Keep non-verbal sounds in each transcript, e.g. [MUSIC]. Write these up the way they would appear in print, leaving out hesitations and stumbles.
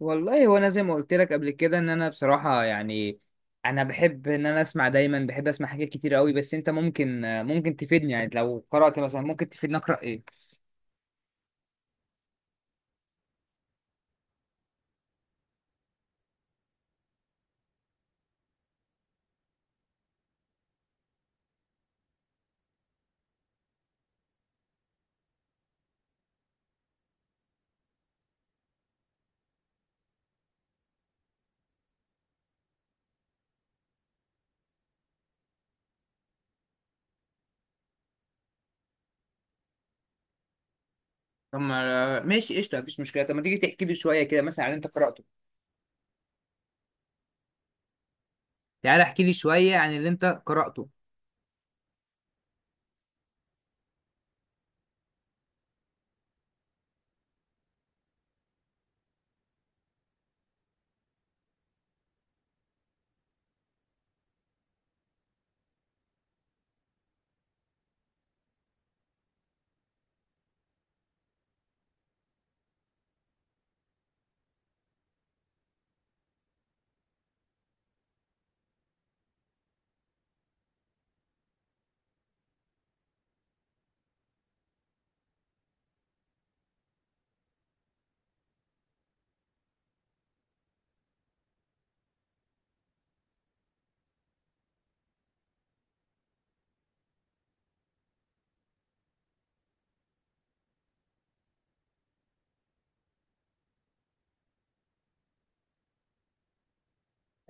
والله هو انا زي ما قلت لك قبل كده ان انا بصراحه يعني انا بحب ان انا اسمع دايما بحب اسمع حاجات كتير قوي بس انت ممكن تفيدني يعني لو قرات مثلا ممكن تفيدني اقرا ايه؟ طب ما- ماشي قشطه مفيش مشكله، طب ما تيجي تحكي لي شويه كده مثلا عن اللي انت قراته؟ تعالى احكي لي شويه عن اللي انت قراته.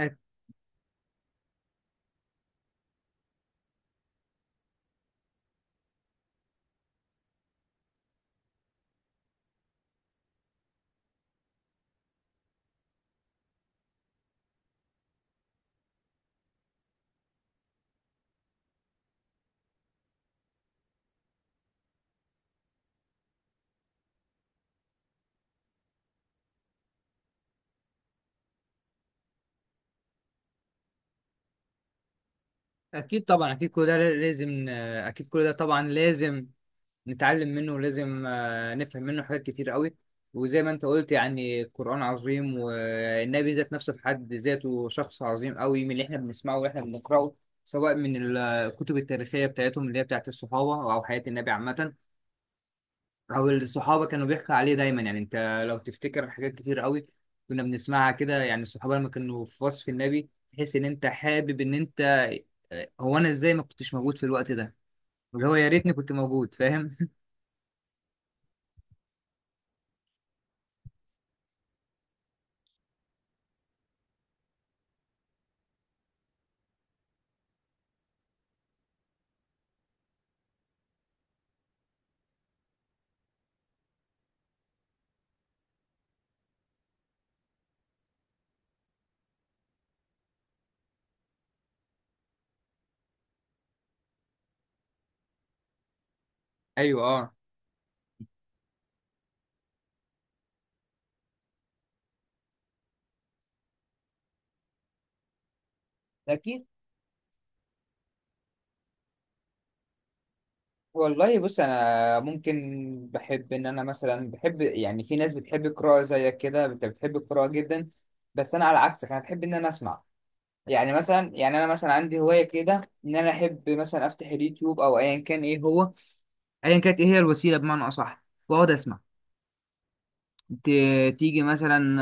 أك- اكيد طبعا، اكيد كل ده لازم، اكيد كل ده طبعا لازم نتعلم منه، ولازم نفهم منه حاجات كتير قوي. وزي ما انت قلت يعني القرآن عظيم، والنبي ذات نفسه في حد ذاته شخص عظيم قوي من اللي احنا بنسمعه واحنا بنقرأه، سواء من الكتب التاريخية بتاعتهم اللي هي بتاعت الصحابة أو حياة النبي عامة، أو الصحابة كانوا بيحكوا عليه دايما. يعني أنت لو تفتكر حاجات كتير قوي كنا بنسمعها كده، يعني الصحابة لما كانوا في وصف النبي تحس إن أنت حابب إن أنت آه، هو، أنا إزاي ما كنتش موجود في الوقت ده، اللي هو يا ريتني كنت موجود، فاهم؟ [LAUGHS] أيوه أه. أكيد. والله بص انا ممكن بحب ان انا مثلا، بحب يعني، في ناس بتحب القراءه زيك كده، انت بتحب القراءه جدا بس انا على عكسك، انا بحب ان انا اسمع. يعني مثلا، يعني انا مثلا عندي هوايه كده ان انا احب مثلا افتح اليوتيوب او ايا كان ايه هو، ايا كانت ايه هي الوسيله بمعنى اصح، واقعد اسمع. تيجي مثلا،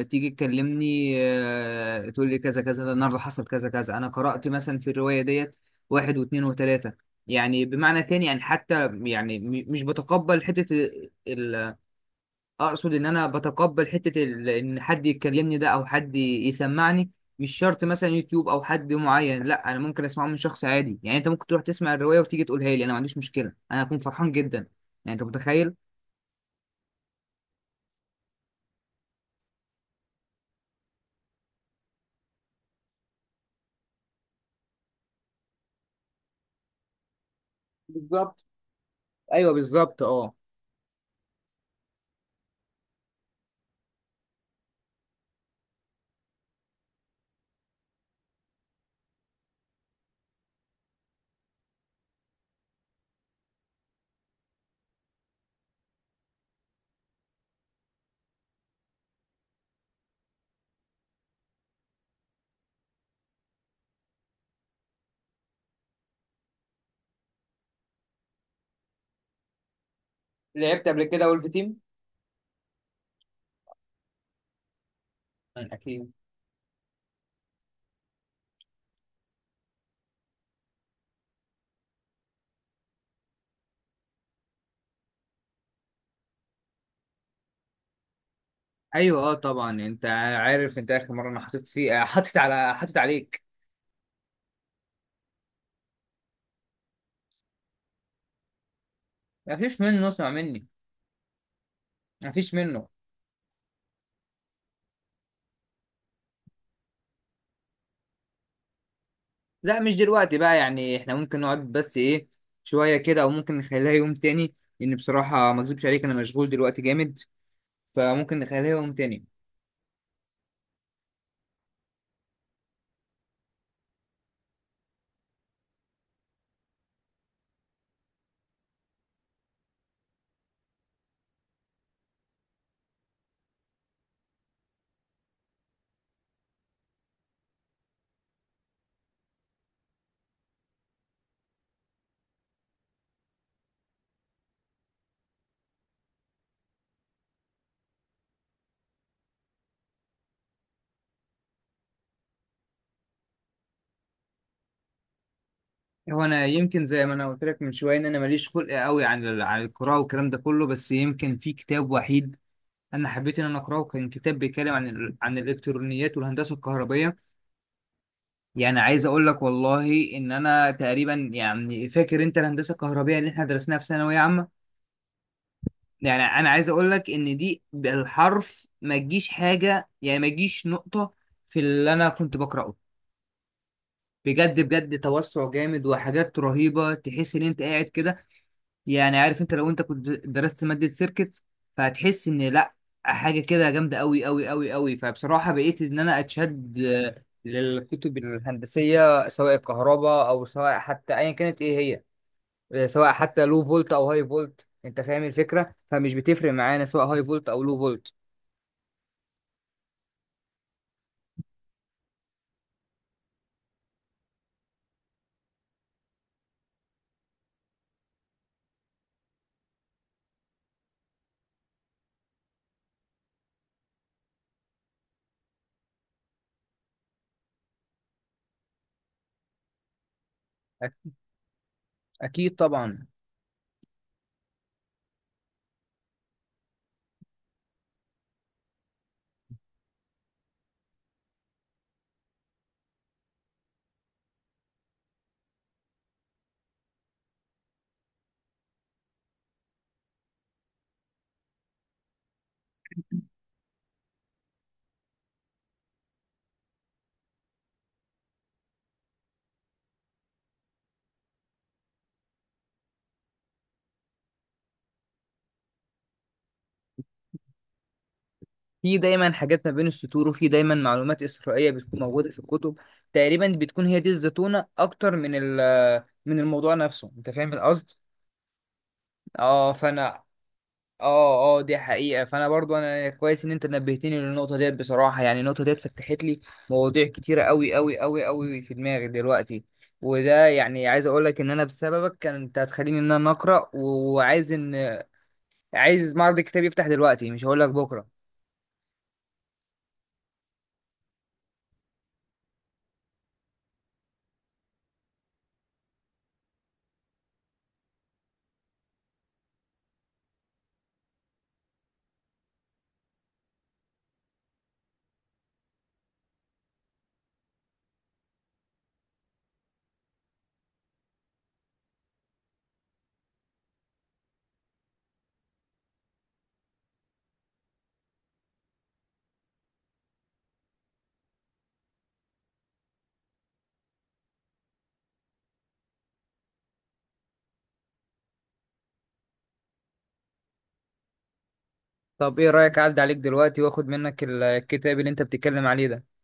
تيجي تكلمني، تقول لي كذا كذا، ده النهارده حصل كذا كذا، انا قرأت مثلا في الرواية ديت واحد واثنين وثلاثة. يعني بمعنى تاني يعني حتى يعني مش بتقبل حتة ال... اقصد ان انا بتقبل حتة ال... ان حد يكلمني ده او حد يسمعني. مش شرط مثلا يوتيوب او حد معين، لا انا ممكن اسمعه من شخص عادي. يعني انت ممكن تروح تسمع الرواية وتيجي تقولها لي، انا ما عنديش مشكلة، انا هكون فرحان جدا. يعني انت متخيل. بالظبط. ايوه بالظبط اه. لعبت قبل كده ولف تيم. اكيد. ايوه اه طبعا. انت عارف انت اخر مره انا حطيت فيه، حطيت عليك. ما فيش منه، اسمع مني، ما فيش منه. لا مش دلوقتي بقى، يعني احنا ممكن نقعد بس ايه شويه كده، او ممكن نخليها يوم تاني، لان بصراحه ما اكذبش عليك انا مشغول دلوقتي جامد، فممكن نخليها يوم تاني. هو انا يمكن زي ما انا قلت لك من شويه ان انا ماليش خلق قوي عن عن القراءه والكلام ده كله، بس يمكن في كتاب وحيد انا حبيت ان انا اقراه، كان كتاب بيتكلم عن عن الالكترونيات والهندسه الكهربائيه. يعني عايز اقول لك والله ان انا تقريبا، يعني فاكر انت الهندسه الكهربائيه اللي احنا درسناها في ثانويه عامه؟ يعني انا عايز اقول لك ان دي بالحرف ما تجيش حاجه، يعني ما تجيش نقطه في اللي انا كنت بقراه. بجد بجد توسع جامد وحاجات رهيبه، تحس ان انت قاعد كده، يعني عارف انت لو انت كنت درست مادة سيركت فهتحس ان لا، حاجة كده جامدة قوي قوي قوي قوي. فبصراحة بقيت ان انا اتشد للكتب الهندسية، سواء الكهرباء او سواء حتى ايا كانت ايه هي، سواء حتى لو فولت او هاي فولت، انت فاهم الفكرة، فمش بتفرق معانا سواء هاي فولت او لو فولت. أك- اكيد طبعا. في دايما حاجات ما بين السطور، وفي دايما معلومات إسرائيلية بتكون موجودة في الكتب، تقريبا بتكون هي دي الزتونة اكتر من من الموضوع نفسه، انت فاهم القصد. اه فانا، اه اه دي حقيقة، فانا برضو انا كويس ان انت نبهتني للنقطة ديت، بصراحة يعني النقطة ديت فتحت لي مواضيع كتيرة قوي قوي قوي قوي في دماغي دلوقتي. وده يعني عايز اقول لك ان انا بسببك، كان انت هتخليني ان انا اقرا، وعايز ان عايز معرض الكتاب يفتح دلوقتي، مش هقول لك بكرة. طب ايه رأيك اعدي عليك دلوقتي واخد منك الكتاب اللي انت بتتكلم عليه ده؟